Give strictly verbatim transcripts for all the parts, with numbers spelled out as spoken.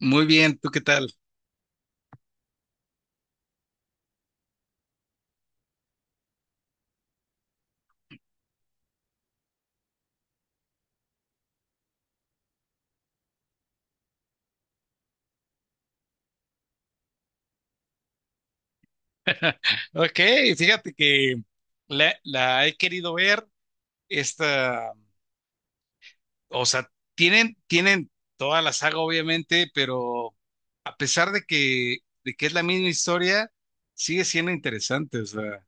Muy bien, ¿tú qué tal? Ok, fíjate que la, la he querido ver, esta, o sea, tienen, tienen toda la saga obviamente, pero a pesar de que, de que es la misma historia, sigue siendo interesante, o sea,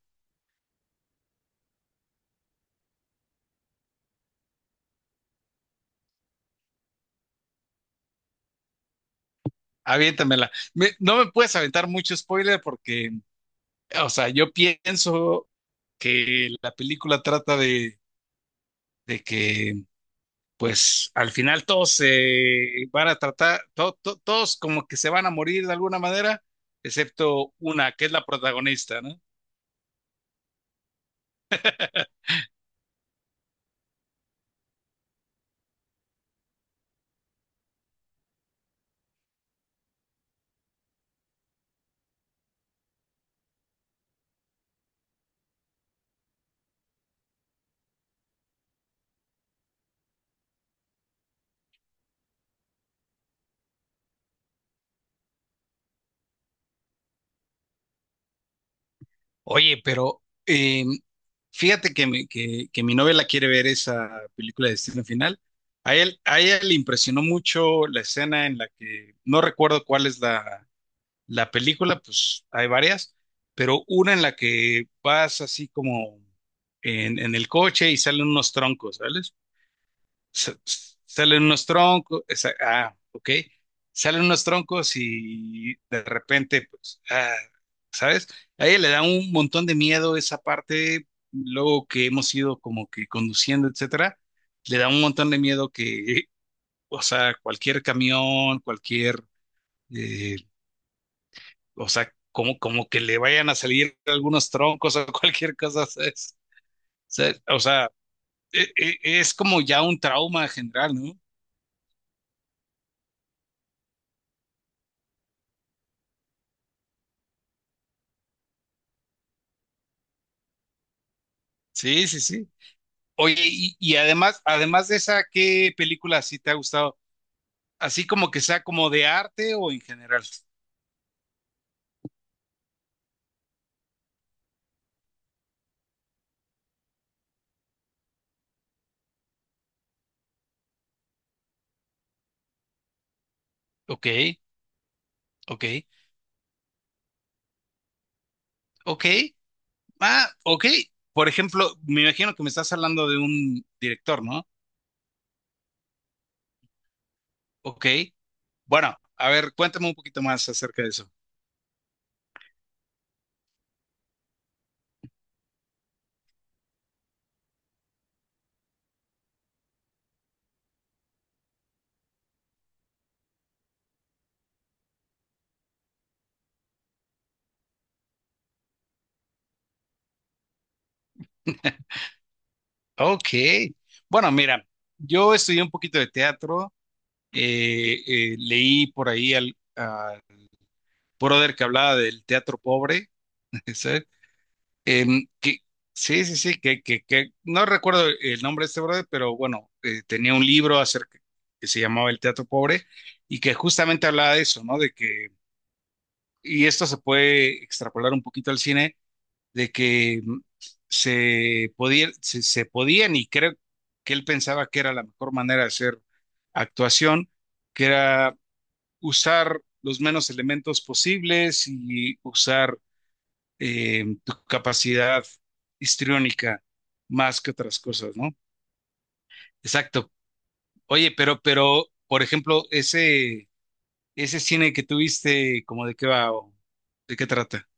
aviéntamela. Me- no me puedes aventar mucho spoiler porque, o sea, yo pienso que la película trata de, de que pues al final todos se van a tratar, to- to- todos como que se van a morir de alguna manera, excepto una, que es la protagonista, ¿no? Oye, pero eh, fíjate que, mi- que, que mi novia la quiere ver esa película de Destino Final. A él, a ella le impresionó mucho la escena en la que, no recuerdo cuál es la, la película, pues hay varias, pero una en la que vas así como en, en el coche y salen unos troncos, ¿sabes? sa- salen unos troncos, esa- ah, ok, salen unos troncos y de repente, pues, ah, ¿sabes? A ella le da un montón de miedo esa parte, luego que hemos ido como que conduciendo, etcétera, le da un montón de miedo que, o sea, cualquier camión, cualquier, eh, o sea, como, como que le vayan a salir algunos troncos o cualquier cosa, ¿sabes? ¿Sabes? O sea, e- e- es como ya un trauma general, ¿no? Sí, sí, sí. Oye, y, y además, además de esa, ¿qué película sí te ha gustado? Así como que sea como de arte o en general. Ok, ok, ok. Ah, ok. Por ejemplo, me imagino que me estás hablando de un director, ¿no? Ok. Bueno, a ver, cuéntame un poquito más acerca de eso. Ok. Bueno, mira, yo estudié un poquito de teatro. eh, eh, leí por ahí al a brother que hablaba del teatro pobre, ¿sabes? Em, que- sí, sí, sí, que, que, que no recuerdo el nombre de este brother, pero bueno, eh, tenía un libro acerca que se llamaba El Teatro Pobre y que justamente hablaba de eso, ¿no? De que, y esto se puede extrapolar un poquito al cine, de que mm, se podía, se, se podían, y creo que él pensaba que era la mejor manera de hacer actuación, que era usar los menos elementos posibles y usar eh, tu capacidad histriónica más que otras cosas, ¿no? Exacto. Oye, pero, pero, por ejemplo, ese, ese cine que tuviste, ¿cómo de qué va o de qué trata?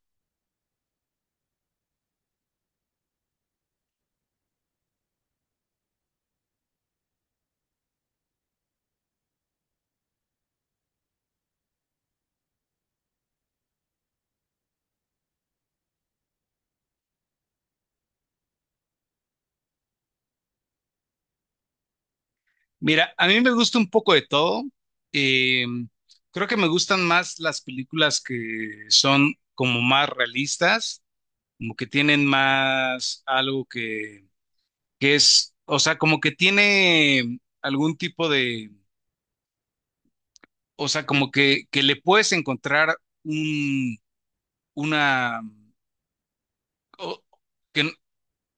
Mira, a mí me gusta un poco de todo. Eh, Creo que me gustan más las películas que son como más realistas, como que tienen más algo que, que es, o sea, como que tiene algún tipo de o sea, como que, que le puedes encontrar un, una, o- que, n-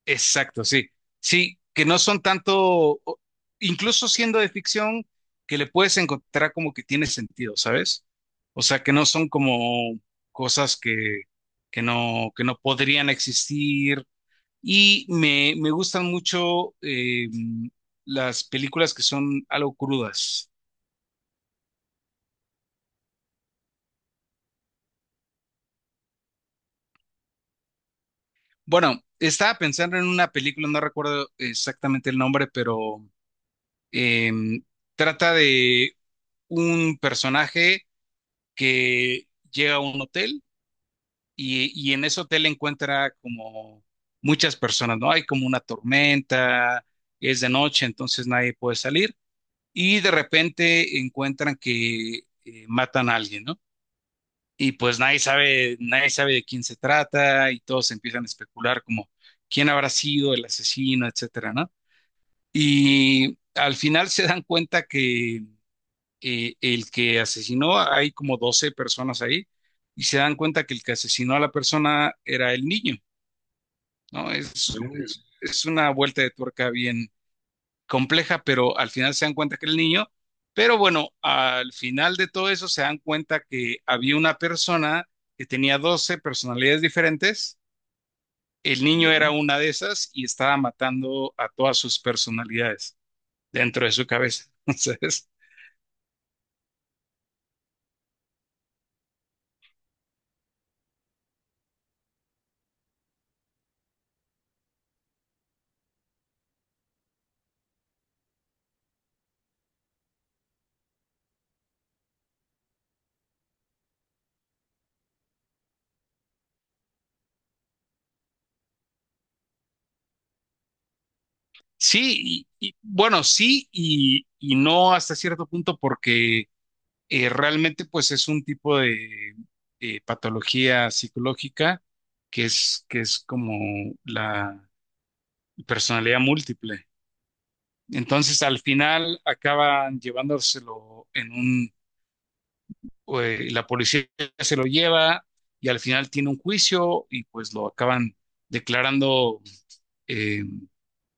exacto, sí, sí, que no son tanto, o- incluso siendo de ficción, que le puedes encontrar como que tiene sentido, ¿sabes? O sea, que no son como cosas que, que no, que no podrían existir. Y me, me gustan mucho eh, las películas que son algo crudas. Bueno, estaba pensando en una película, no recuerdo exactamente el nombre, pero em, trata de un personaje que llega a un hotel y, y en ese hotel encuentra como muchas personas, ¿no? Hay como una tormenta, es de noche, entonces nadie puede salir y de repente encuentran que eh, matan a alguien, ¿no? Y pues nadie sabe, nadie sabe de quién se trata y todos empiezan a especular como quién habrá sido el asesino, etcétera, ¿no? Y al final se dan cuenta que eh, el que asesinó, hay como doce personas ahí, y se dan cuenta que el que asesinó a la persona era el niño, ¿no? Es, Mm. es, una vuelta de tuerca bien compleja, pero al final se dan cuenta que era el niño. Pero bueno, al final de todo eso se dan cuenta que había una persona que tenía doce personalidades diferentes. El niño era una de esas y estaba matando a todas sus personalidades dentro de su cabeza. Entonces, sí, y, y- bueno, sí y, y no hasta cierto punto porque eh, realmente pues es un tipo de eh, patología psicológica que es, que es como la personalidad múltiple. Entonces, al final acaban llevándoselo en un, eh, la policía se lo lleva y al final tiene un juicio y pues lo acaban declarando eh,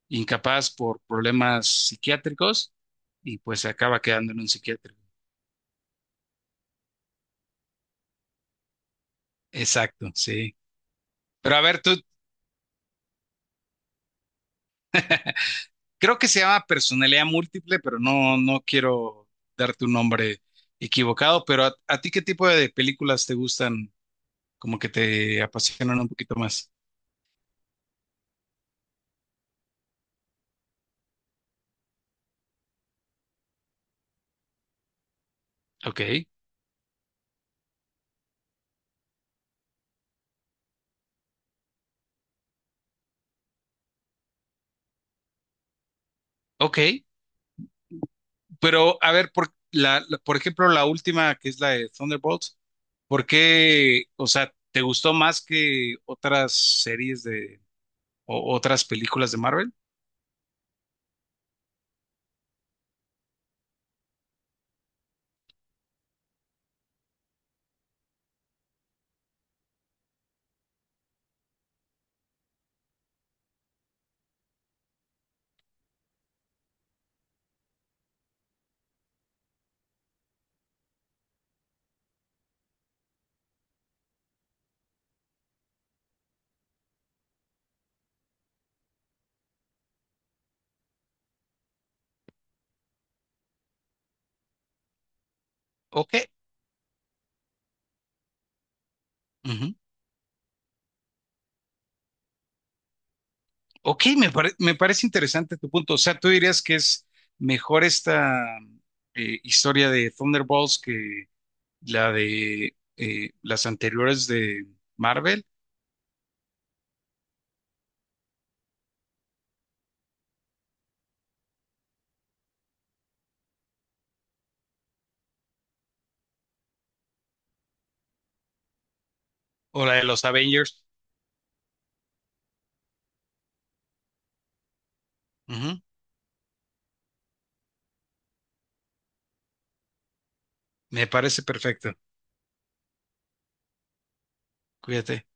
incapaz por problemas psiquiátricos y pues se acaba quedando en un psiquiátrico. Exacto, sí. Pero a ver, tú, creo que se llama personalidad múltiple, pero no, no quiero darte un nombre equivocado, pero a, a ti qué tipo de películas te gustan como que te apasionan un poquito más. Ok, ok. Pero a ver, por, la, la- por ejemplo, la última que es la de Thunderbolts, ¿por qué, o sea, te gustó más que otras series de o otras películas de Marvel? Ok, ujú. Ok, me pare- me parece interesante tu punto. O sea, tú dirías que es mejor esta eh, historia de Thunderbolts que la de eh, las anteriores de Marvel o la de los Avengers. Me parece perfecto. Cuídate.